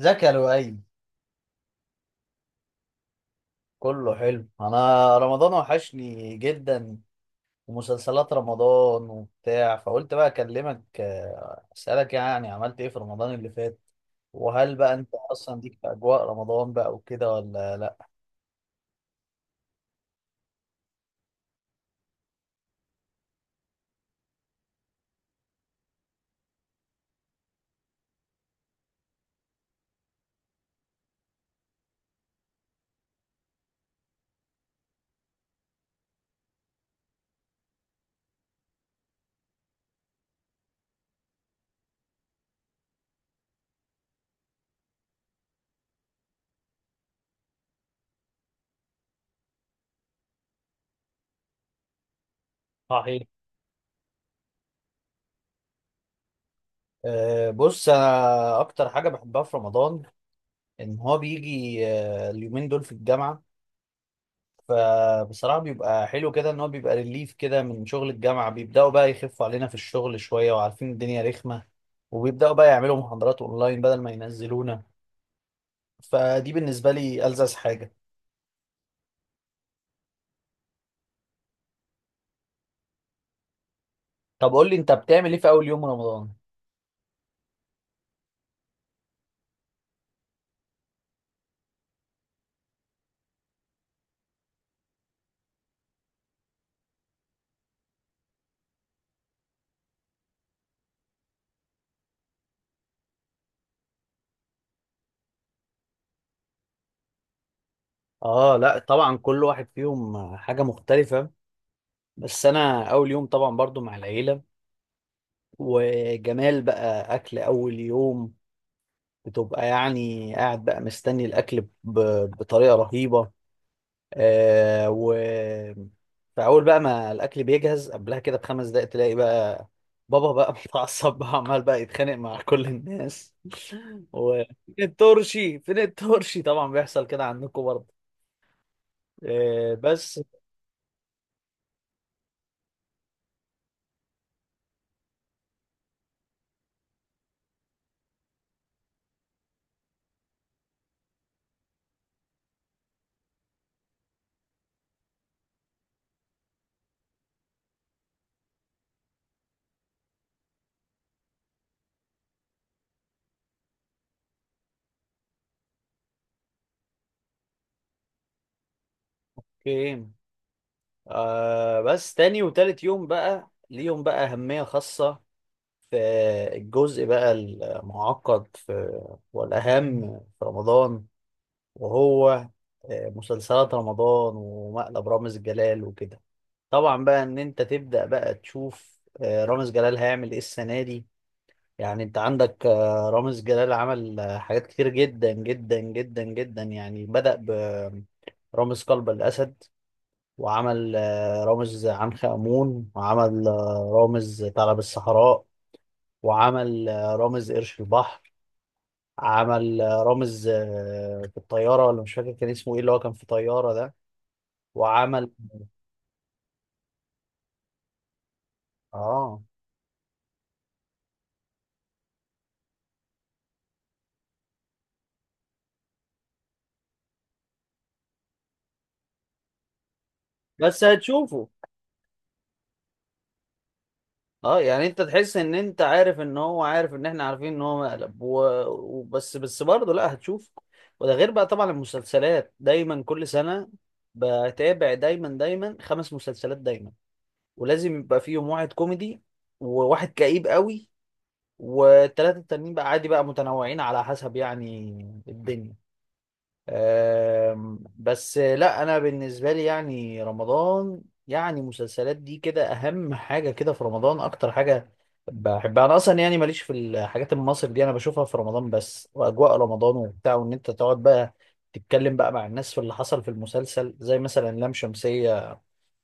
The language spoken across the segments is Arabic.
ازيك يا لؤي؟ كله حلو. انا رمضان وحشني جدا ومسلسلات رمضان وبتاع، فقلت بقى اكلمك، اسالك يعني عملت ايه في رمضان اللي فات، وهل بقى انت اصلا ليك في اجواء رمضان بقى وكده ولا لا؟ صحيح. أه بص، انا اكتر حاجه بحبها في رمضان ان هو بيجي اليومين دول في الجامعه. فبصراحة بيبقى حلو كده ان هو بيبقى ريليف كده من شغل الجامعة، بيبدأوا بقى يخفوا علينا في الشغل شوية، وعارفين الدنيا رخمة، وبيبدأوا بقى يعملوا محاضرات اونلاين بدل ما ينزلونا. فدي بالنسبة لي ألذذ حاجة. طب قول لي انت بتعمل ايه في اول يوم رمضان؟ اه، لا طبعا كل واحد فيهم حاجة مختلفة. بس انا اول يوم طبعا برضو مع العيلة. وجمال بقى اكل اول يوم، بتبقى يعني قاعد بقى مستني الاكل بطريقة رهيبة. و فاول بقى ما الاكل بيجهز قبلها كده بخمس دقايق، تلاقي بقى بابا بقى متعصب بقى عمال بقى يتخانق مع كل الناس. و فين الترشي فين الترشي، طبعا بيحصل كده عندكم برضه. آه بس. اوكي. آه، بس تاني وتالت يوم بقى ليهم بقى أهمية خاصة في الجزء بقى المعقد في والأهم في رمضان. وهو مسلسلات رمضان ومقلب رامز جلال وكده. طبعا بقى ان انت تبدأ بقى تشوف رامز جلال هيعمل ايه السنة دي. يعني انت عندك رامز جلال عمل حاجات كتير جدا جدا جدا جدا. يعني بدأ برامز قلب الأسد، وعمل رامز عنخ آمون، وعمل رامز ثعلب الصحراء، وعمل رامز قرش البحر. عمل رامز في الطيارة، ولا مش فاكر كان اسمه ايه، اللي هو كان في طيارة ده. وعمل. اه بس هتشوفه. اه يعني انت تحس ان انت عارف ان هو عارف ان احنا عارفين ان هو مقلب وبس بس برضه، لا هتشوف. وده غير بقى طبعا المسلسلات، دايما كل سنة بتابع دايما دايما خمس مسلسلات دايما. ولازم يبقى فيهم واحد كوميدي، وواحد كئيب قوي، والتلاتة التانيين بقى عادي بقى متنوعين على حسب يعني الدنيا. بس لا انا بالنسبه لي يعني رمضان، يعني مسلسلات دي كده اهم حاجه كده في رمضان. اكتر حاجه بحبها انا اصلا، يعني ماليش في الحاجات المصري دي، انا بشوفها في رمضان بس. واجواء رمضان وبتاع، وان انت تقعد بقى تتكلم بقى مع الناس في اللي حصل في المسلسل، زي مثلا لام شمسيه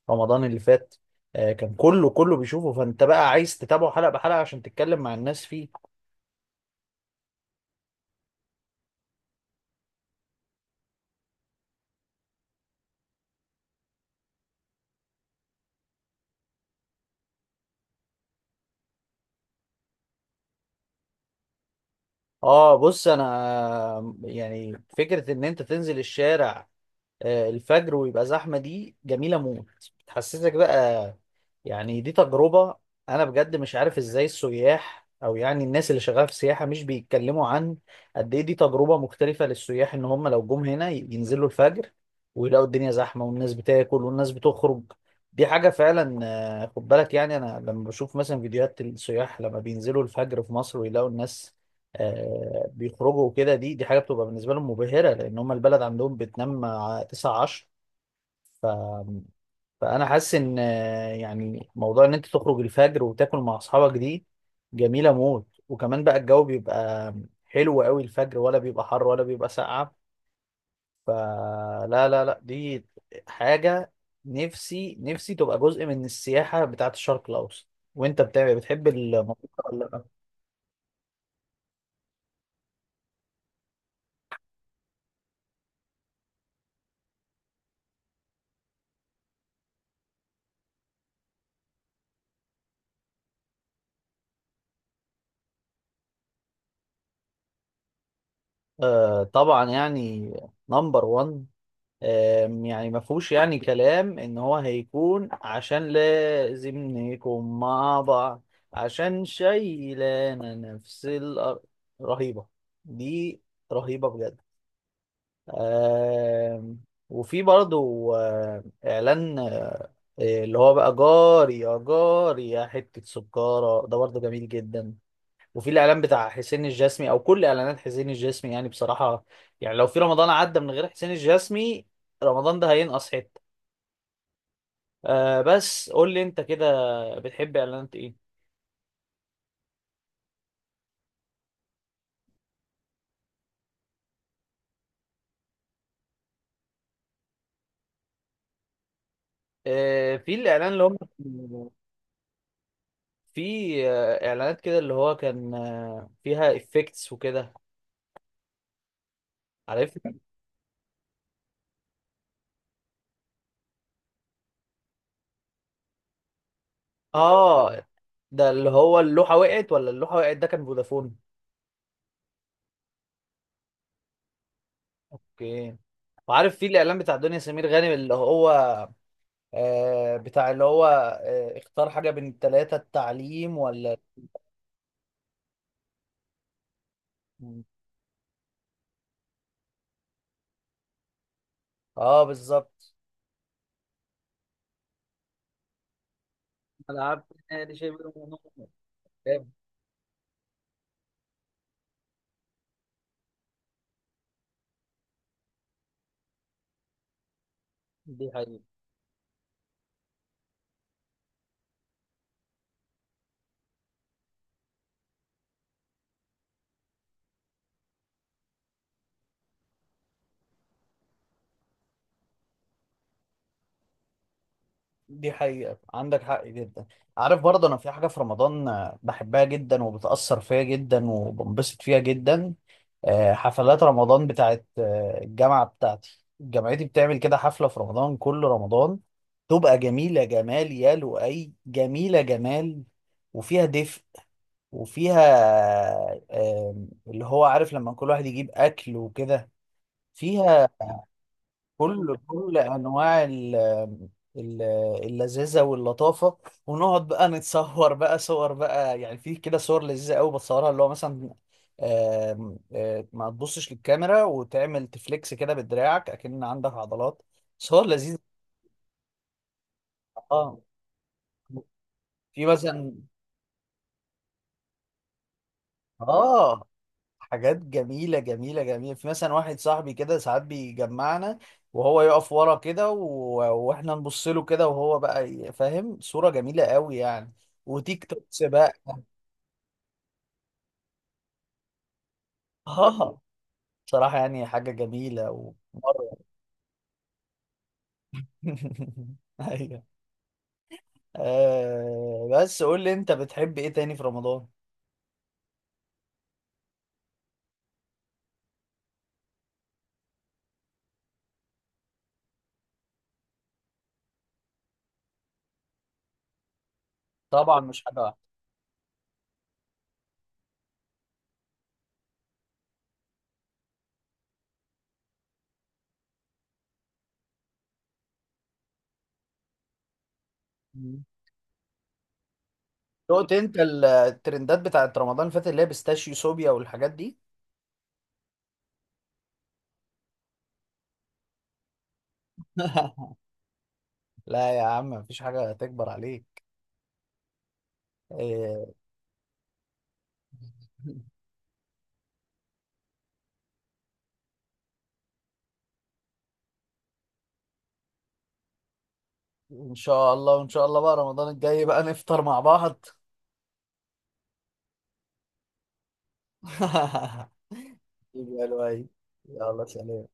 رمضان اللي فات. كان كله كله بيشوفه، فانت بقى عايز تتابعه حلقه بحلقه عشان تتكلم مع الناس فيه. اه بص انا، يعني فكره ان انت تنزل الشارع الفجر ويبقى زحمة، دي جميلة موت. بتحسسك بقى يعني دي تجربة. أنا بجد مش عارف إزاي السياح أو يعني الناس اللي شغالة في السياحة مش بيتكلموا عن قد إيه دي تجربة مختلفة للسياح، إن هم لو جم هنا ينزلوا الفجر ويلاقوا الدنيا زحمة والناس بتاكل والناس بتخرج. دي حاجة فعلا. خد بالك يعني، أنا لما بشوف مثلا فيديوهات السياح لما بينزلوا الفجر في مصر ويلاقوا الناس بيخرجوا وكده، دي حاجة بتبقى بالنسبة لهم مبهرة، لأن هم البلد عندهم بتنام 9 10. فانا حاسس ان يعني موضوع ان انت تخرج الفجر وتاكل مع اصحابك دي جميله موت. وكمان بقى الجو بيبقى حلو قوي الفجر، ولا بيبقى حر ولا بيبقى ساقعه. فلا لا لا لا، دي حاجه نفسي نفسي تبقى جزء من السياحه بتاعه الشرق الاوسط. وانت بتاع بتحب المنطقه ولا لا؟ آه طبعا، يعني نمبر 1. يعني ما فيهوش يعني كلام ان هو هيكون عشان لازم نكون مع بعض، عشان شايلانا نفس الارض. رهيبة، دي رهيبة بجد. آم، وفي برضو اعلان اللي هو بقى جاري يا جاري يا حتة سكارة ده، برضو جميل جدا. وفي الاعلان بتاع حسين الجسمي، او كل اعلانات حسين الجسمي يعني بصراحه، يعني لو في رمضان عدى من غير حسين الجسمي، رمضان ده هينقص حته. آه بس قول لي انت كده، بتحب اعلانات ايه؟ آه، في الاعلان اللي هم في اعلانات كده اللي هو كان فيها افكتس وكده، عارف. اه، ده اللي هو اللوحه وقعت ولا اللوحه وقعت، ده كان فودافون. اوكي. وعارف في الاعلان بتاع دنيا سمير غانم، اللي هو بتاع اللي هو اختار حاجة بين التلاتة، التعليم ولا. اه بالظبط. العاب، يعني شيء منهم. جامد. دي حقيقة. دي حقيقة، عندك حق جدا. عارف برضه أنا في حاجة في رمضان بحبها جدا وبتأثر فيا جدا وبنبسط فيها جدا. حفلات رمضان بتاعت الجامعة بتاعتي، جامعتي بتعمل كده حفلة في رمضان كل رمضان. تبقى جميلة جمال يا لؤي، جميلة جمال. وفيها دفء، وفيها اللي هو عارف لما كل واحد يجيب أكل وكده. فيها كل أنواع ال- اللذاذة واللطافة. ونقعد بقى نتصور بقى صور بقى، يعني في كده صور لذيذة قوي بتصورها، اللي هو مثلا آم، آه، ما تبصش للكاميرا وتعمل تفليكس كده بدراعك، أكن عندك عضلات. صور لذيذة. اه، في مثلا. اه، حاجات جميلة جميلة جميلة، في مثلا واحد صاحبي كده ساعات بيجمعنا وهو يقف ورا كده واحنا نبص له كده، وهو بقى فاهم. صورة جميلة قوي يعني، وتيك توكس بقى. اه صراحة يعني حاجة جميلة ومرة. ايوه. آه بس قول لي انت بتحب ايه تاني في رمضان؟ طبعا مش حاجة واحدة. مم. دقت انت الترندات بتاعت رمضان اللي فات اللي هي بيستاشيو صوبيا والحاجات دي. لا يا عم، مفيش حاجة تكبر عليك. آه، ان شاء الله، وان شاء الله بقى رمضان الجاي بقى نفطر مع بعض. حبيبي. حبيبي يا لؤي. يلا سلام.